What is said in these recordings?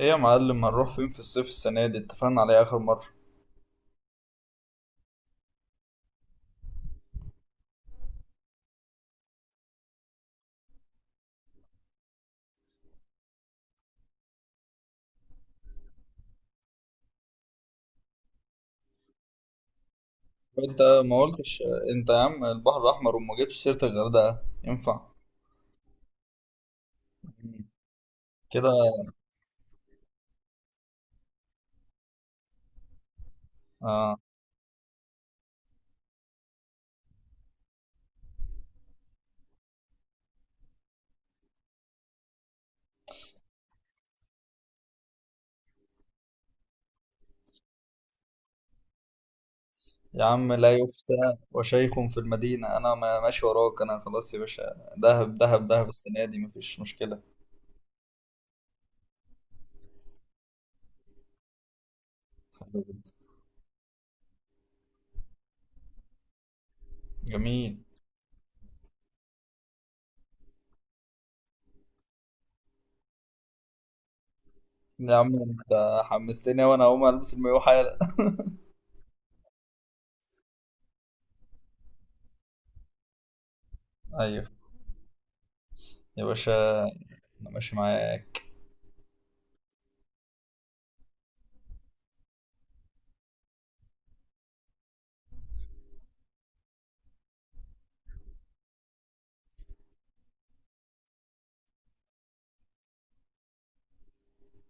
ايه يا معلم، هنروح فين في الصيف السنة دي؟ اتفقنا عليه آخر مرة. انت ما قلتش، انت يا عم البحر الأحمر وما جبتش سيرة الغردقة، ينفع كده؟ آه. يا عم لا يفتى وشيخ في المدينة. أنا ماشي وراك، أنا خلاص يا باشا. دهب دهب دهب السنة دي، مفيش مشكلة. جميل. يا عم انت حمستني، وأنا هقوم ألبس المايوه حالا. أيوه. يا باشا، أنا ماشي معاك.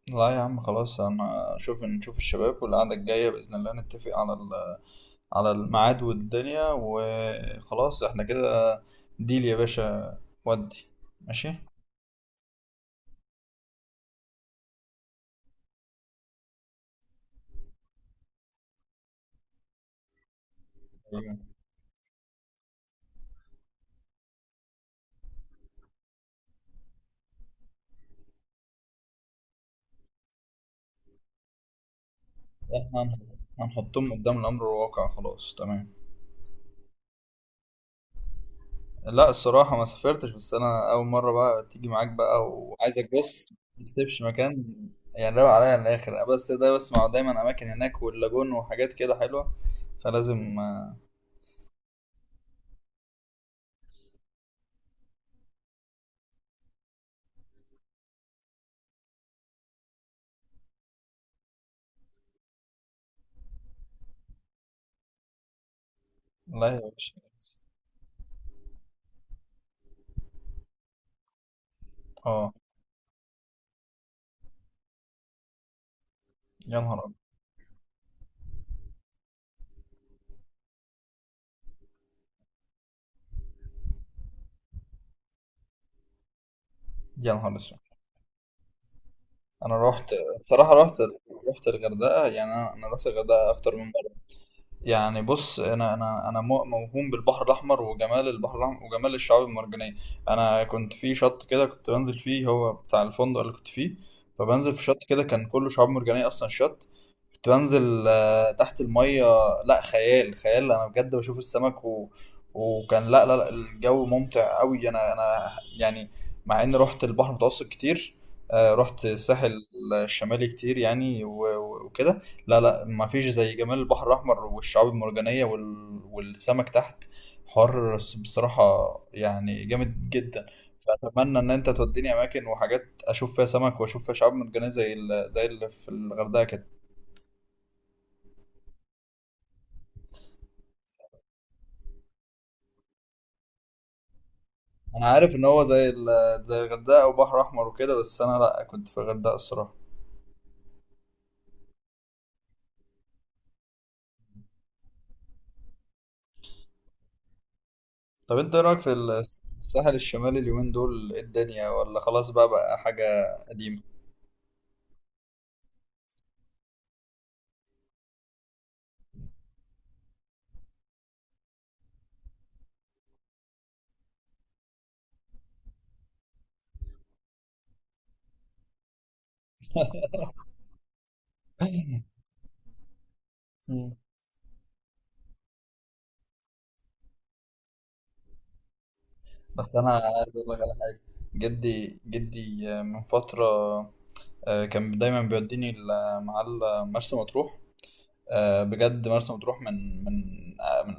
لا يا عم خلاص، أنا نشوف الشباب، والقعدة الجاية بإذن الله نتفق على الميعاد والدنيا، وخلاص احنا كده. ديل يا باشا، ودي ماشي. ايوه. احنا هنحطهم قدام الامر الواقع، خلاص تمام. لا، الصراحة ما سافرتش. بس انا اول مرة بقى تيجي معاك بقى، وعايزك بص. ما تسيبش مكان. يعني روق عليا الاخر، بس ده بسمع دايما اماكن هناك واللاجون وحاجات كده حلوة، فلازم. لا يا باشا. اه. يا نهار أبيض. يا نهار اسود. انا رحت الصراحة رحت. رحت الغردقة، يعني أنا رحت الغردقة اكتر من. يعني بص، انا موهوم بالبحر الاحمر وجمال البحر الاحمر وجمال الشعاب المرجانيه. انا كنت في شط كده كنت بنزل فيه، هو بتاع الفندق اللي كنت فيه. فبنزل في شط كده كان كله شعاب مرجانيه اصلا الشط. كنت بنزل تحت الميه. لا، خيال خيال، انا بجد بشوف السمك و... وكان، لا لا لا، الجو ممتع قوي. انا يعني، مع اني رحت البحر المتوسط كتير. رحت الساحل الشمالي كتير يعني وكده. لا لا، ما فيش زي جمال البحر الأحمر والشعاب المرجانية والسمك تحت. حوار بصراحة، يعني جامد جدا. فأتمنى إن أنت توديني أماكن وحاجات أشوف فيها سمك وأشوف فيها شعاب مرجانية زي اللي في الغردقة كده. أنا عارف إن هو زي الغردقة وبحر أحمر وكده، بس أنا لأ، كنت في الغردقة الصراحة. طب أنت إيه رأيك في الساحل الشمالي اليومين دول؟ إيه الدنيا، ولا خلاص بقى حاجة قديمة؟ مم. بس أنا عايز أقول لك، جدي جدي من فترة، كان دايما بيوديني مرسى مطروح. بجد مرسى مطروح من من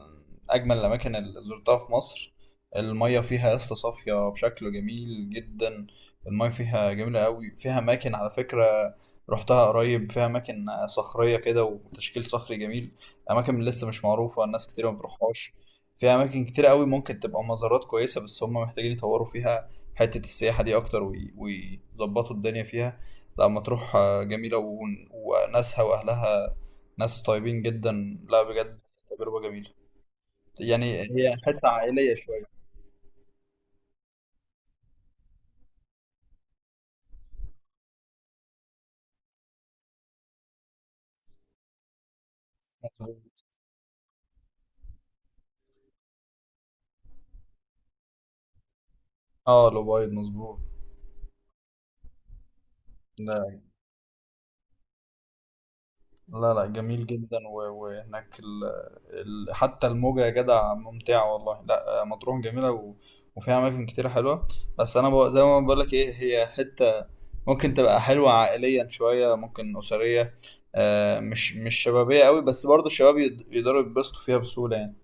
اجمل الاماكن اللي زرتها في مصر. الميه فيها يا اسطى صافيه بشكل جميل جدا. الميه فيها جميله قوي. فيها اماكن على فكره، رحتها قريب، فيها اماكن صخريه كده وتشكيل صخري جميل. اماكن لسه مش معروفه، الناس كتير ما بتروحهاش. فيها اماكن كتير قوي ممكن تبقى مزارات كويسه، بس هم محتاجين يطوروا فيها حته السياحه دي اكتر ويظبطوا الدنيا فيها. لا مطروح جميله وناسها واهلها ناس طيبين جدا. لا بجد، تجربة جميلة. يعني هي حتة عائلية شوية. مظبوط. اه، الأوبايد مظبوط. لا لا لا، جميل جدا وهناك حتى الموجة يا جدع ممتعة والله. لا مطروح جميلة وفيها أماكن كتير حلوة. بس أنا زي ما بقول لك، إيه هي حتة ممكن تبقى حلوة عائليا شوية، ممكن أسرية. مش شبابية قوي، بس برضو الشباب يقدروا يتبسطوا فيها بسهولة يعني.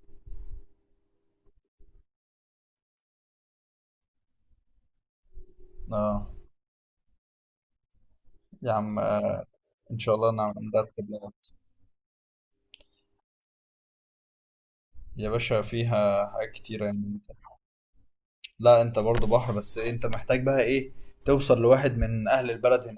اه يا عم، إن شاء الله نرتب. يا باشا، فيها حاجات كتيرة يعني انت. لا، انت برضو بحر بس، انت محتاج بقى ايه؟ توصل لواحد من اهل البلد هنا.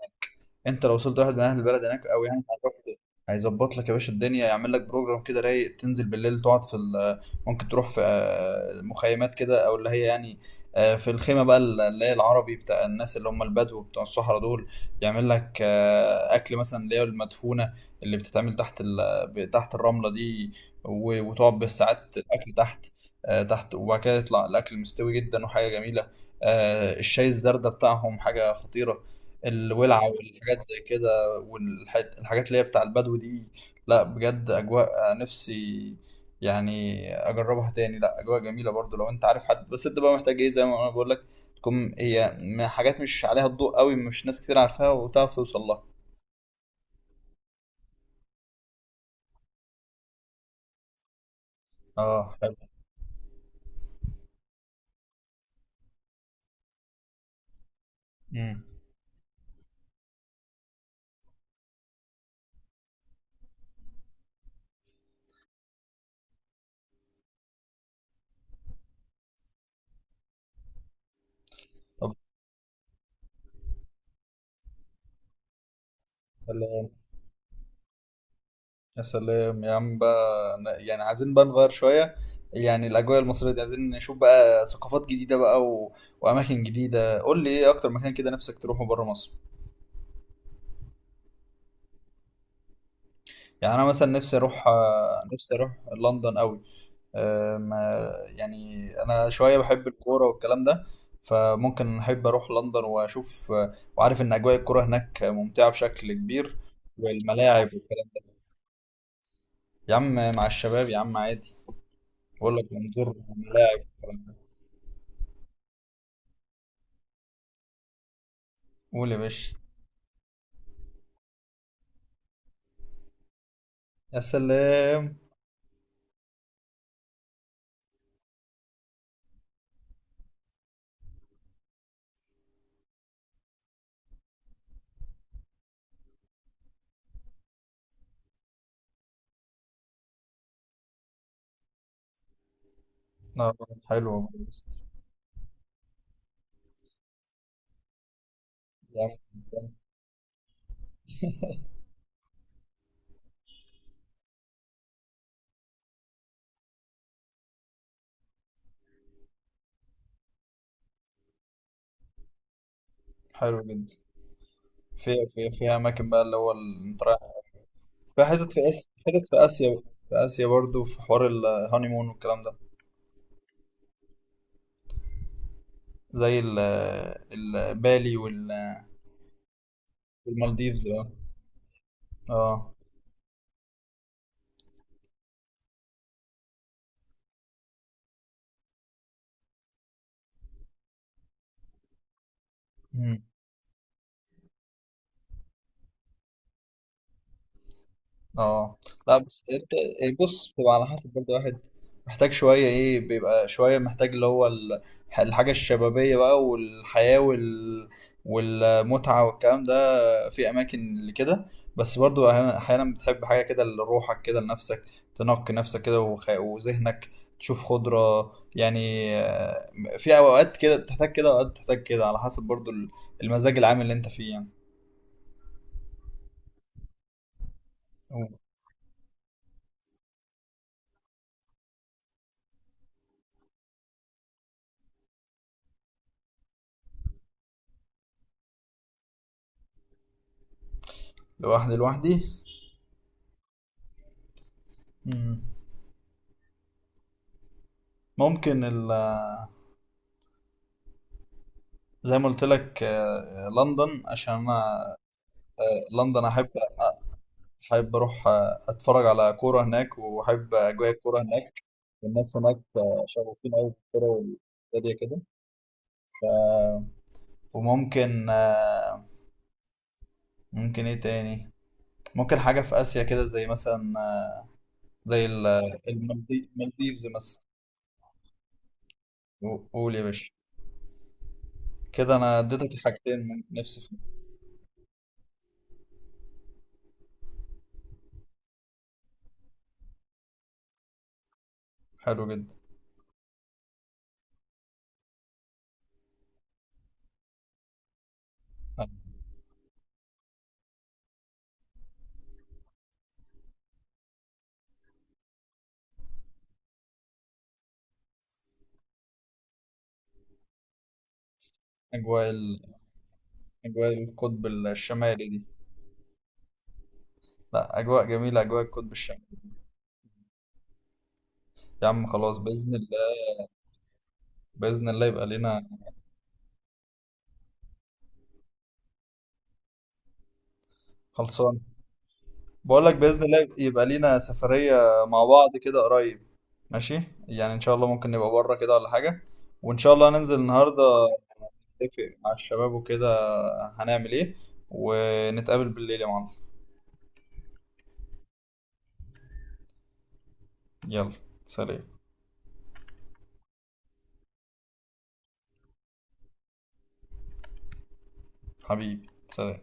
انت لو وصلت واحد من اهل البلد هناك او يعني اتعرفت، هيظبط لك يا باشا الدنيا، يعمل لك بروجرام كده رايق تنزل بالليل تقعد في ال- آه، ممكن تروح في مخيمات كده، او اللي هي يعني في الخيمة بقى اللي هي العربي، بتاع الناس اللي هم البدو بتوع الصحراء دول. يعمل لك أكل مثلا، اللي هي المدفونة، اللي بتتعمل تحت الرملة دي، وتقعد بالساعات الأكل تحت. تحت، وبعد كده يطلع الأكل مستوي جدا وحاجة جميلة. الشاي الزردة بتاعهم حاجة خطيرة، الولعة والحاجات زي كده، والحاجات اللي هي بتاع البدو دي. لا بجد، أجواء نفسي يعني أجربها تاني. لا، أجواء جميلة برضو لو أنت عارف حد. بس أنت بقى محتاج إيه زي ما أنا بقول لك، تكون هي حاجات مش عليها الضوء قوي، مش ناس كتير عارفاها وتعرف توصل لها. اه، حلو. امم طب، سلام. يا سلام يا عم بقى، يعني عايزين بقى نغير شوية، يعني الأجواء المصرية دي. عايزين نشوف بقى ثقافات جديدة بقى وأماكن جديدة. قول لي إيه أكتر مكان كده نفسك تروحه بره مصر؟ يعني انا مثلا نفسي اروح آه، نفسي اروح لندن قوي. يعني انا شويه بحب الكوره والكلام ده، فممكن احب اروح لندن واشوف، وعارف ان اجواء الكوره هناك ممتعه بشكل كبير، والملاعب والكلام ده. يا عم، مع الشباب يا عم، عادي. بقول لك نزور ملاعب والكلام ده. قول يا باشا. يا سلام، آه، حلو يا عم، حلو جدا. فيها اماكن بقى اللي هو، في حتت في آسيا، حتت في آسيا بقى. في آسيا برضو في حوار الهانيمون والكلام ده، زي بالي والمالديفز. اه. اه. مم. اه. لا، بس انت إيه؟ بص، بتبقى على حسب برضو واحد محتاج شوية ايه، بيبقى شوية محتاج اللي هو الحاجة الشبابية بقى، والحياة والمتعة والكلام ده. في اماكن لكده، بس برضو احيانا بتحب حاجه كده لروحك كده لنفسك، تنقي نفسك كده وذهنك، تشوف خضره يعني. في اوقات كده بتحتاج كده، اوقات بتحتاج كده، على حسب برضو المزاج العام اللي انت فيه يعني. أو، لوحدي، لوحدي. مم. ممكن زي ما قلت لك لندن عشان انا، لندن، احب اروح اتفرج على كوره هناك، واحب اجواء الكوره هناك. الناس هناك شغوفين قوي بالكوره، والدنيا كده. وممكن، ممكن ايه تاني؟ ممكن حاجة في آسيا كده، زي مثلا زي المالديفز مثلا. قول يا باشا. كده انا اديتك حاجتين من نفسي فيهم. حلو جدا. اجواء اجواء القطب الشمالي دي. لا، اجواء جميلة اجواء القطب الشمالي. يا عم خلاص بإذن الله. بإذن الله يبقى لينا. خلصان. بقول لك بإذن الله يبقى لينا سفرية مع بعض كده قريب. ماشي. يعني ان شاء الله ممكن نبقى بره كده ولا حاجة. وان شاء الله هننزل النهارده نتفق مع الشباب وكده، هنعمل ايه، ونتقابل بالليل يا معلم. يلا، سلام. حبيبي، سلام.